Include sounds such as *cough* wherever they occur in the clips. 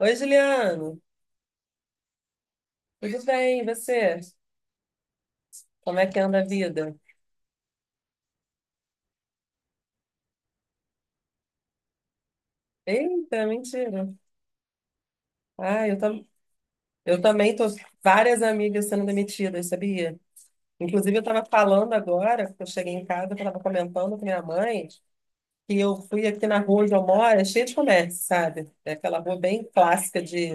Oi, Juliano. Tudo bem? E você? Como é que anda a vida? Eita, mentira. Ah, eu também tô várias amigas sendo demitidas, sabia? Inclusive, eu estava falando agora, que eu cheguei em casa, eu estava comentando com minha mãe que eu fui aqui na rua onde eu moro, é cheio de comércio, sabe? É aquela rua bem clássica de,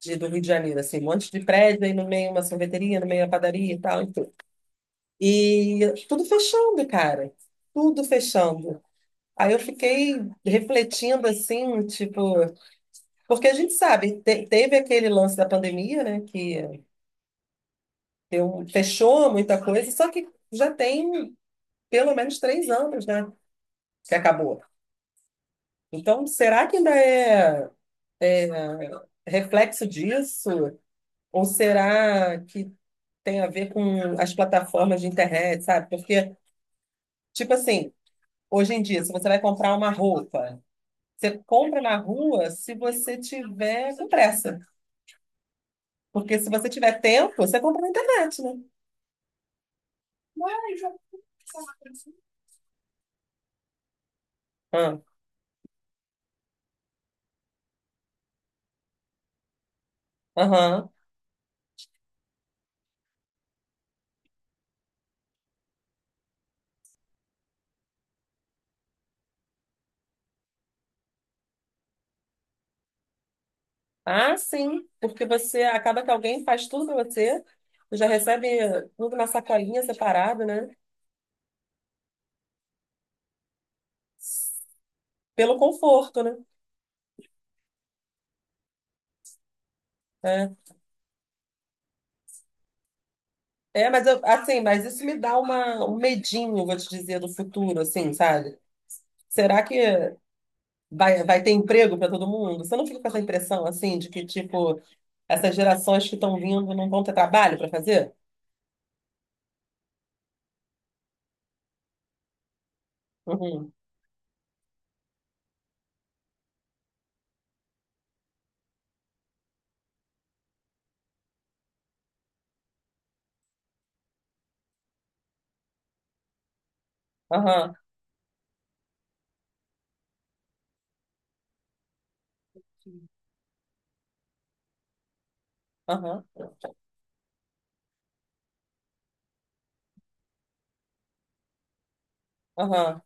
de, do Rio de Janeiro, assim, um monte de prédio, aí no meio uma sorveteria, no meio a padaria e tal, e tudo. E tudo fechando, cara. Tudo fechando. Aí eu fiquei refletindo assim, tipo, porque a gente sabe, teve aquele lance da pandemia, né, que fechou muita coisa, só que já tem pelo menos 3 anos, né, que acabou. Então, será que ainda é reflexo disso? Ou será que tem a ver com as plataformas de internet, sabe? Porque, tipo assim, hoje em dia, se você vai comprar uma roupa, você compra na rua se você tiver com pressa. Porque se você tiver tempo, você compra na internet, né? Mas, ah, aham. Ah, sim, porque você acaba que alguém faz tudo para você, você já recebe tudo na sacolinha separado, né? Pelo conforto, né? É, é, mas eu, assim, mas isso me dá um medinho, vou te dizer, do futuro, assim, sabe? Será que vai ter emprego para todo mundo? Você não fica com essa impressão, assim, de que, tipo, essas gerações que estão vindo não vão ter trabalho para fazer? Uhum. Aham, aham, aham.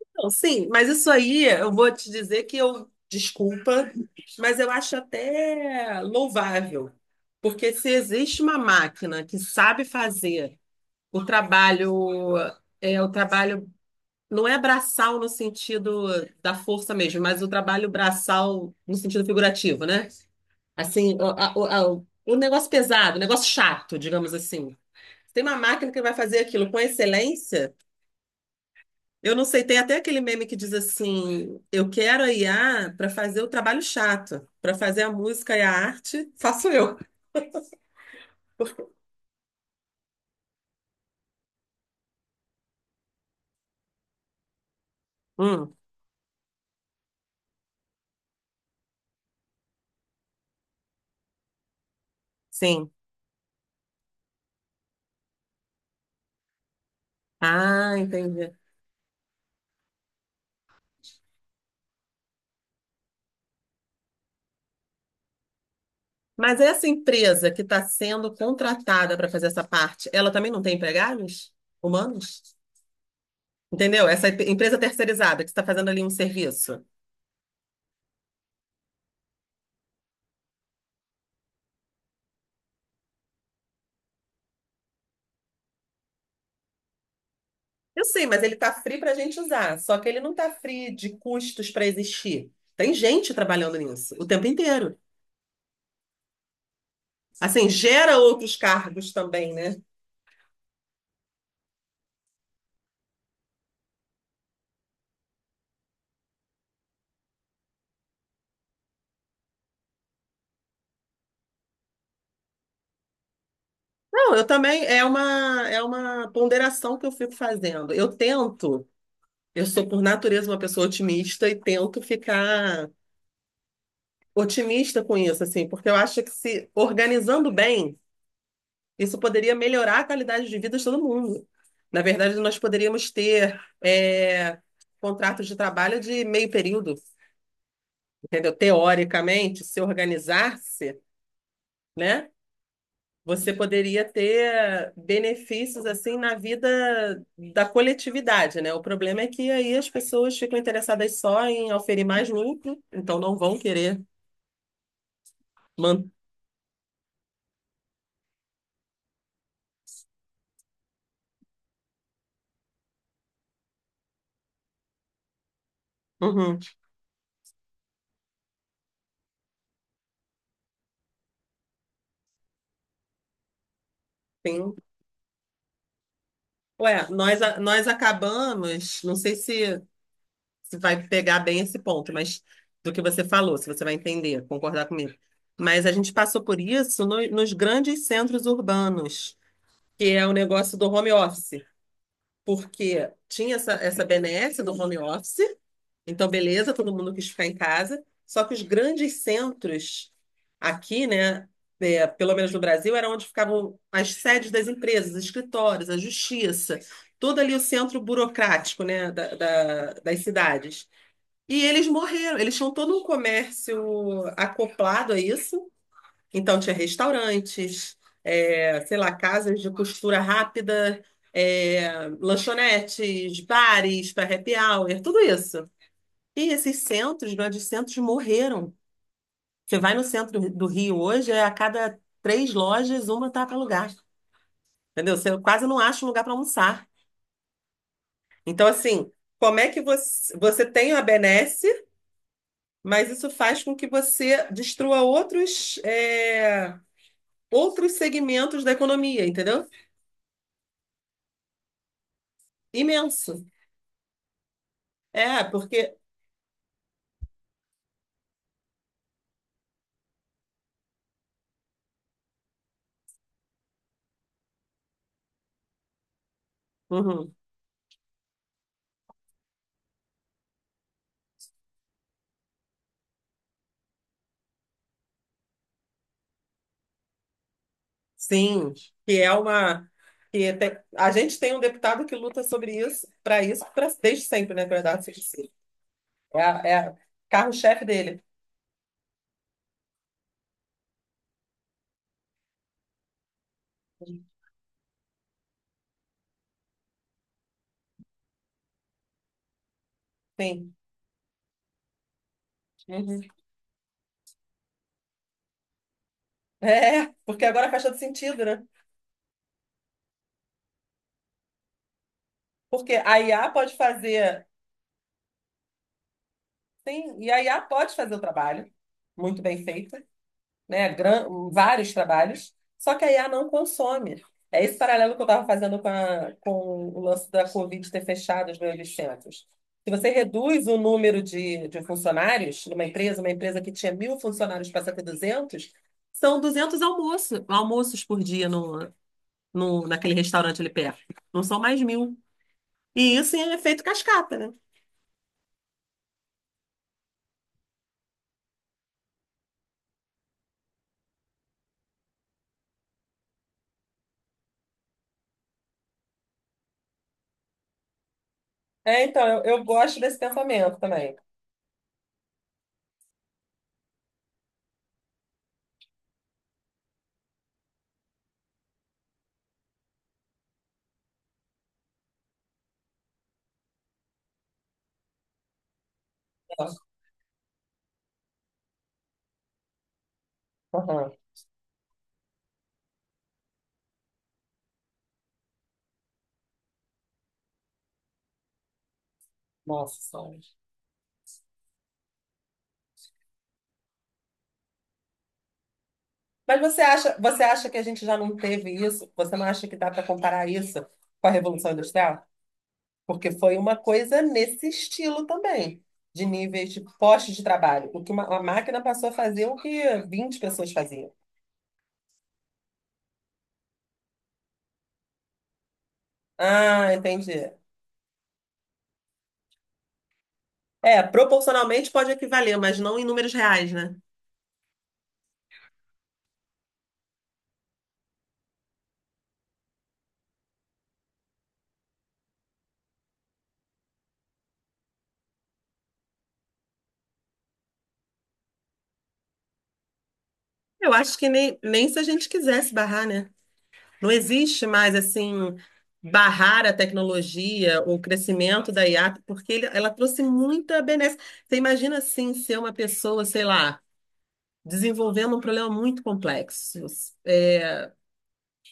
Então, sim, mas isso aí eu vou te dizer que eu, desculpa, mas eu acho até louvável, porque se existe uma máquina que sabe fazer o trabalho, é o trabalho não é braçal no sentido da força mesmo, mas o trabalho braçal no sentido figurativo, né? Assim, o negócio pesado, o negócio chato, digamos assim. Tem uma máquina que vai fazer aquilo com excelência. Eu não sei, tem até aquele meme que diz assim: eu quero a IA para fazer o trabalho chato, para fazer a música e a arte, faço eu. Hum, sim. Ah, entendi. Mas essa empresa que está sendo contratada para fazer essa parte, ela também não tem empregados humanos? Entendeu? Essa empresa terceirizada que está fazendo ali um serviço. Eu sei, mas ele está free para a gente usar, só que ele não está free de custos para existir. Tem gente trabalhando nisso o tempo inteiro. Assim, gera outros cargos também, né? Não, eu também, é uma ponderação que eu fico fazendo. Eu tento, eu sou por natureza uma pessoa otimista e tento ficar otimista com isso, assim, porque eu acho que se organizando bem, isso poderia melhorar a qualidade de vida de todo mundo. Na verdade, nós poderíamos ter, contratos de trabalho de meio período, entendeu? Teoricamente, se organizar-se, né? Você poderia ter benefícios assim na vida da coletividade, né? O problema é que aí as pessoas ficam interessadas só em oferir mais lucro, então não vão querer manter. Uhum, sim. Ué, nós acabamos, não sei se vai pegar bem esse ponto, mas do que você falou, se você vai entender, concordar comigo. Mas a gente passou por isso nos grandes centros urbanos, que é o negócio do home office. Porque tinha essa benesse do home office, então beleza, todo mundo quis ficar em casa, só que os grandes centros aqui, né, pelo menos no Brasil, era onde ficavam as sedes das empresas, escritórios, a justiça, todo ali o centro burocrático, né, das cidades. E eles morreram, eles tinham todo um comércio acoplado a isso, então, tinha restaurantes, sei lá, casas de costura rápida, lanchonetes, bares para happy hour, tudo isso. E esses centros, grandes centros, morreram. Você vai no centro do Rio hoje, é a cada três lojas, uma tá para alugar. Entendeu? Você quase não acha um lugar para almoçar. Então, assim, como é que você tem a benesse, mas isso faz com que você destrua outros, outros segmentos da economia, entendeu? Imenso. É, porque. Uhum. Sim, que é uma. A gente tem um deputado que luta sobre isso, para isso, desde sempre, né, verdade, se diz. É a- carro-chefe dele. Sim. Uhum. É, porque agora faz todo sentido, né? Porque a IA pode fazer. Sim, e a IA pode fazer o trabalho, muito bem feito, né, vários trabalhos, só que a IA não consome. É esse paralelo que eu estava fazendo com o lance da Covid ter fechado os 1.800. Se você reduz o número de funcionários numa empresa, uma empresa que tinha 1.000 funcionários passa a ter 200, são 200 almoços, almoços por dia no, no, naquele restaurante ali perto. Não são mais 1.000. E isso em efeito cascata, né? É, então, eu gosto desse pensamento também. Aham. Nossa senhora. Mas você acha que a gente já não teve isso? Você não acha que dá para comparar isso com a Revolução Industrial? Porque foi uma coisa nesse estilo também, de níveis de postos de trabalho. O que uma máquina passou a fazer o que 20 pessoas faziam. Ah, entendi. É, proporcionalmente pode equivaler, mas não em números reais, né? Eu acho que nem se a gente quisesse barrar, né? Não existe mais, assim, barrar a tecnologia, o crescimento da IA, porque ela trouxe muita benéfica. Você imagina, assim, ser uma pessoa, sei lá, desenvolvendo um problema muito complexo, é,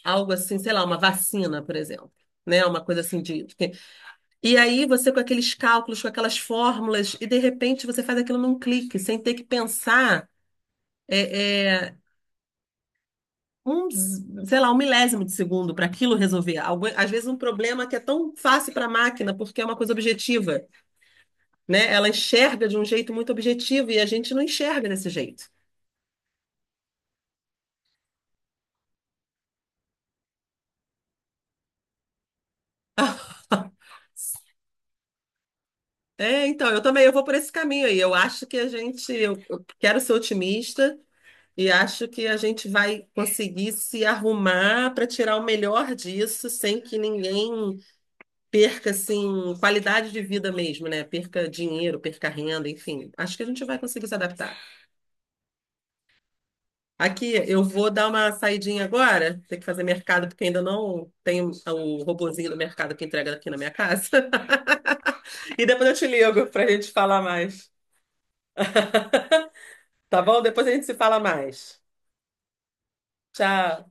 algo assim, sei lá, uma vacina, por exemplo. Né, uma coisa assim de. E aí, você com aqueles cálculos, com aquelas fórmulas, e de repente você faz aquilo num clique, sem ter que pensar é, é, um, sei lá, um milésimo de segundo para aquilo resolver. Às vezes um problema que é tão fácil para a máquina, porque é uma coisa objetiva, né? Ela enxerga de um jeito muito objetivo e a gente não enxerga desse jeito. *laughs* É, então, eu também eu vou por esse caminho aí. Eu acho que eu quero ser otimista e acho que a gente vai conseguir se arrumar para tirar o melhor disso sem que ninguém perca assim qualidade de vida mesmo, né? Perca dinheiro, perca renda, enfim. Acho que a gente vai conseguir se adaptar. Aqui, eu vou dar uma saidinha agora, tem que fazer mercado porque ainda não tenho o robozinho do mercado que entrega aqui na minha casa. *laughs* E depois eu te ligo pra gente falar mais, tá bom? Depois a gente se fala mais. Tchau.